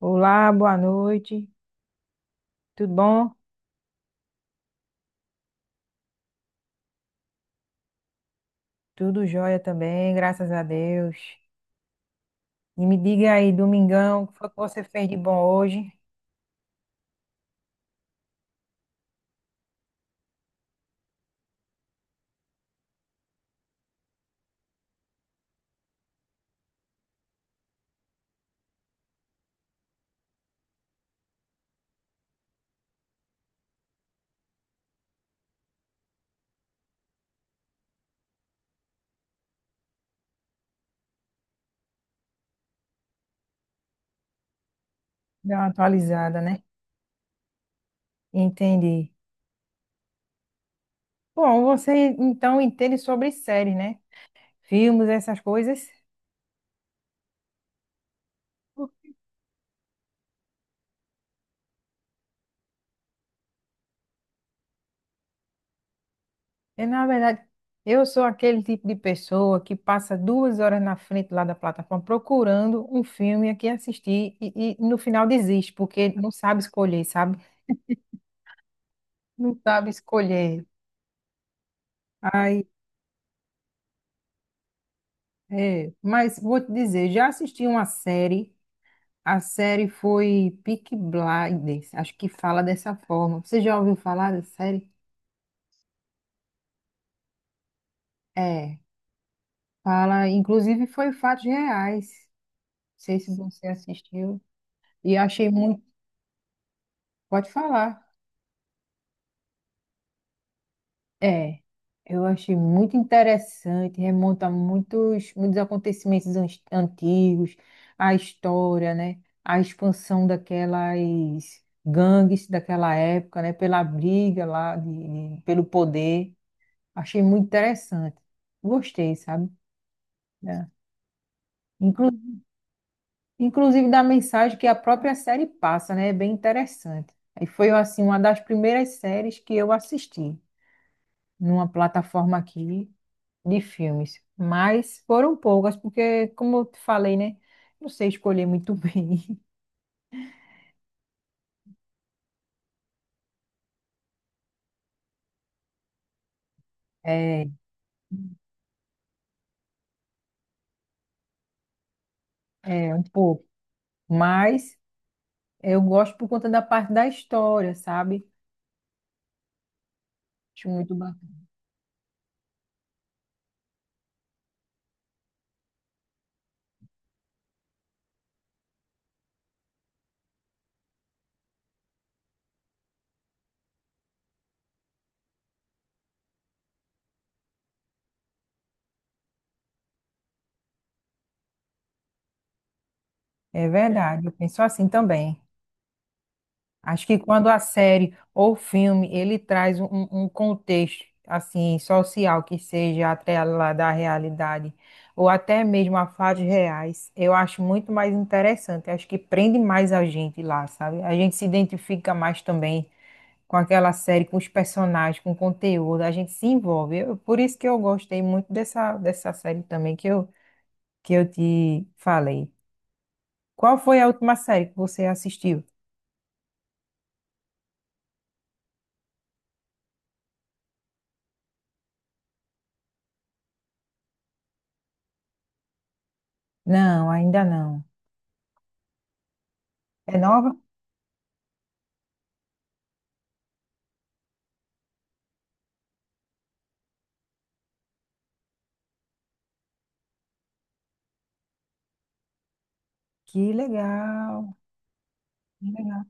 Olá, boa noite. Tudo bom? Tudo jóia também, graças a Deus. E me diga aí, domingão, o que foi que você fez de bom hoje? Dá uma atualizada, né? Entendi. Bom, você então entende sobre séries, né? Filmes, essas coisas. É, na verdade, eu sou aquele tipo de pessoa que passa duas horas na frente lá da plataforma procurando um filme aqui assistir e no final desiste, porque não sabe escolher, sabe? Não sabe escolher. Aí é, mas vou te dizer, já assisti uma série, a série foi Peaky Blinders, acho que fala dessa forma. Você já ouviu falar dessa série? É, fala, inclusive foi fatos reais. Não sei se você assistiu e achei muito. Pode falar. É, eu achei muito interessante, remonta a muitos, muitos acontecimentos antigos, a história, né? A expansão daquelas gangues daquela época, né? Pela briga lá, pelo poder. Achei muito interessante. Gostei, sabe? É. Inclu- Inclusive da mensagem que a própria série passa, né? É bem interessante. E foi, assim, uma das primeiras séries que eu assisti numa plataforma aqui de filmes, mas foram poucas, porque, como eu te falei, né? Não sei escolher muito bem. É, é um pouco. Mas eu gosto por conta da parte da história, sabe? Acho muito bacana. É verdade, eu penso assim também. Acho que quando a série ou filme ele traz um contexto assim social que seja atrelado à realidade ou até mesmo a fatos reais, eu acho muito mais interessante. Acho que prende mais a gente lá, sabe? A gente se identifica mais também com aquela série, com os personagens, com o conteúdo. A gente se envolve. Por isso que eu gostei muito dessa série também que eu te falei. Qual foi a última série que você assistiu? Não, ainda não. É nova? Que legal, que legal.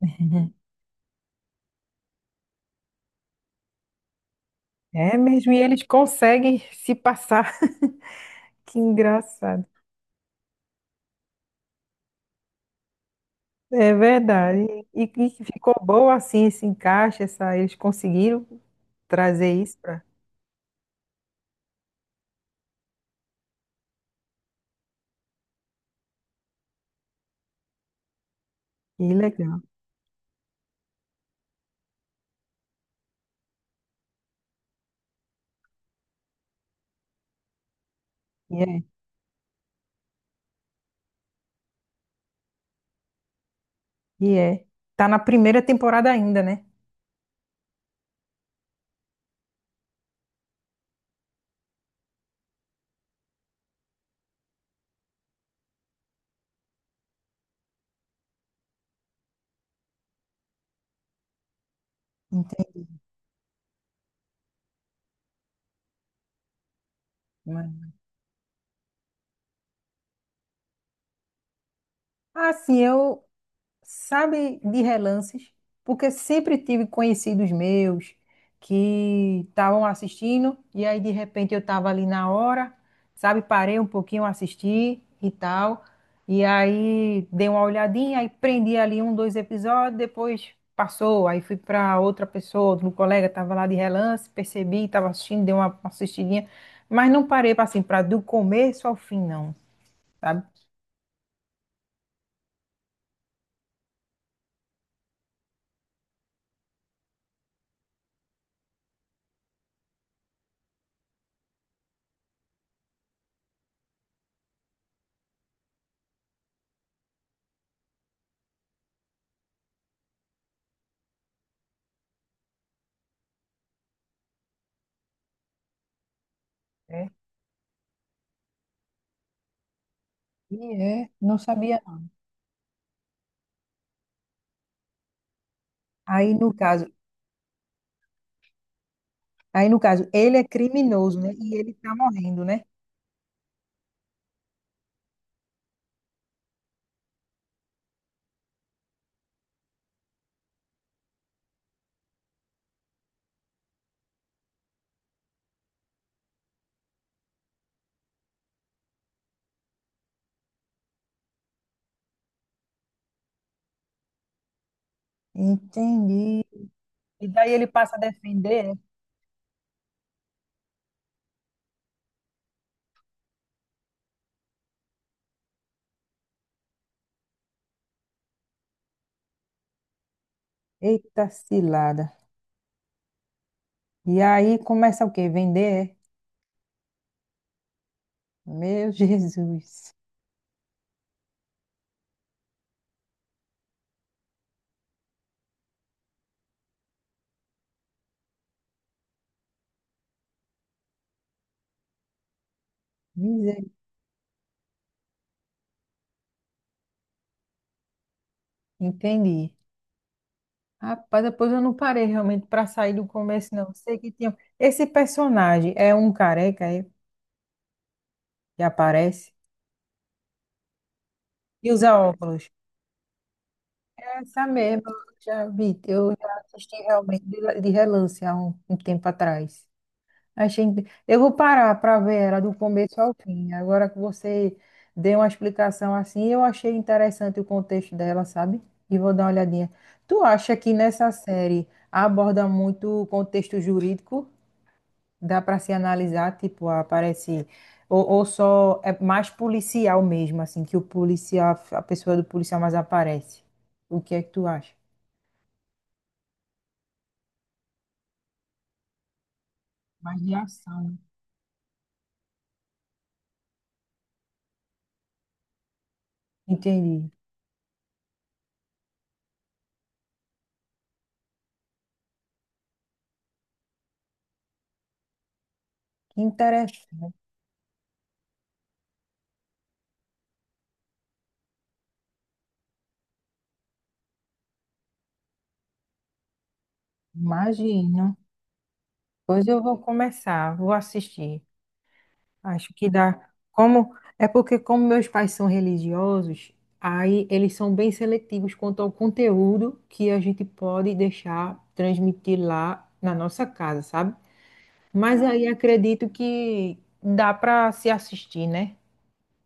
Uhum. É mesmo, e eles conseguem se passar. Que engraçado. É verdade. E ficou bom assim esse encaixe, essa, eles conseguiram trazer isso para. Que legal. E é, e é. Tá na primeira temporada ainda, né? Entendi. Ah, sim, eu sabe, de relances, porque sempre tive conhecidos meus que estavam assistindo e aí de repente eu estava ali na hora, sabe, parei um pouquinho, assisti e tal, e aí dei uma olhadinha, aí prendi ali um, dois episódios, depois passou, aí fui para outra pessoa, um colega estava lá de relance, percebi, estava assistindo, dei uma assistidinha, mas não parei para assim, para do começo ao fim não, sabe? É, e é, não sabia. Aí, no caso, Aí, no caso, ele é criminoso, né? E ele tá morrendo, né? Entendi. E daí ele passa a defender. É? Eita cilada. E aí começa o quê? Vender? É? Meu Jesus. Miser- Entendi. Rapaz, depois eu não parei realmente para sair do começo, não. Sei que tinha. Esse personagem é um careca, é? Que aparece e usa óculos. É essa mesmo, eu já vi. Eu já assisti realmente de relance há um tempo atrás. Achei... inte- eu vou parar para ver ela do começo ao fim. Agora que você deu uma explicação assim, eu achei interessante o contexto dela, sabe? E vou dar uma olhadinha. Tu acha que nessa série aborda muito o contexto jurídico? Dá para se analisar, tipo, aparece. Ou só é mais policial mesmo, assim, que o policial, a pessoa do policial mais aparece. O que é que tu acha? Mais de ação, né? Entendi. Que interessante. Imagino. Hoje eu vou começar, vou assistir. Acho que dá. Como é porque como meus pais são religiosos, aí eles são bem seletivos quanto ao conteúdo que a gente pode deixar transmitir lá na nossa casa, sabe? Mas aí acredito que dá para se assistir, né?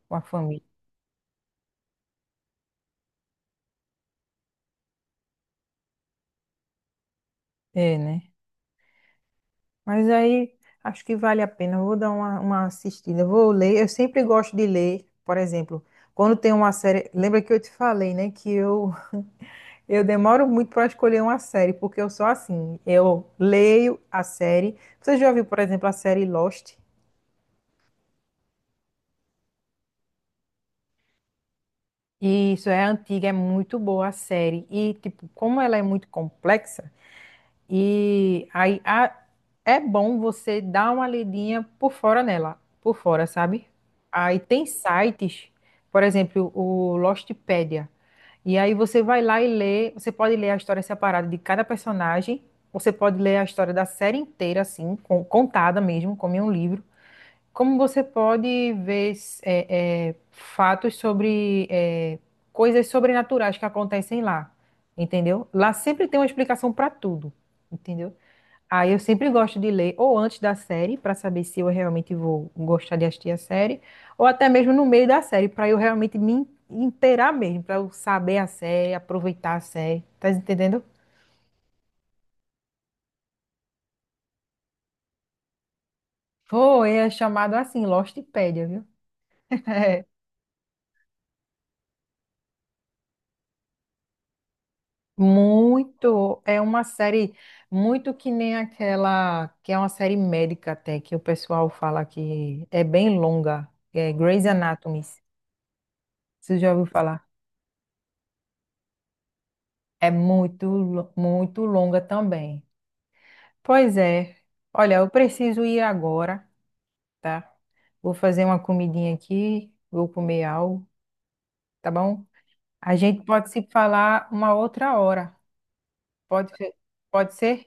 Com a família. É, né? Mas aí acho que vale a pena. Eu vou dar uma assistida. Eu vou ler. Eu sempre gosto de ler, por exemplo, quando tem uma série. Lembra que eu te falei, né? Que eu demoro muito para escolher uma série, porque eu sou assim. Eu leio a série. Você já viu, por exemplo, a série Lost? E isso, é antiga, é muito boa a série. E, tipo, como ela é muito complexa, E aí a- é bom você dar uma lidinha por fora nela, por fora, sabe? Aí tem sites, por exemplo, o Lostpedia. E aí você vai lá e lê, você pode ler a história separada de cada personagem, você pode ler a história da série inteira, assim, contada mesmo, como em um livro. Como você pode ver fatos sobre coisas sobrenaturais que acontecem lá, entendeu? Lá sempre tem uma explicação para tudo, entendeu? Aí eu sempre gosto de ler ou antes da série, para saber se eu realmente vou gostar de assistir a série, ou até mesmo no meio da série, para eu realmente inteirar mesmo, para eu saber a série, aproveitar a série, tá entendendo? Foi, é chamado assim, Lostpedia, viu? É, muito, é uma série muito que nem aquela que é uma série médica até que o pessoal fala que é bem longa, é Grey's Anatomy. Você já ouviu falar? É muito, muito longa também. Pois é. Olha, eu preciso ir agora, tá? Vou fazer uma comidinha aqui, vou comer algo, tá bom? A gente pode se falar uma outra hora. Pode ser? Pode ser?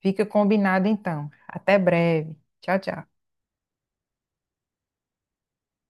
Fica combinado então. Até breve. Tchau, tchau.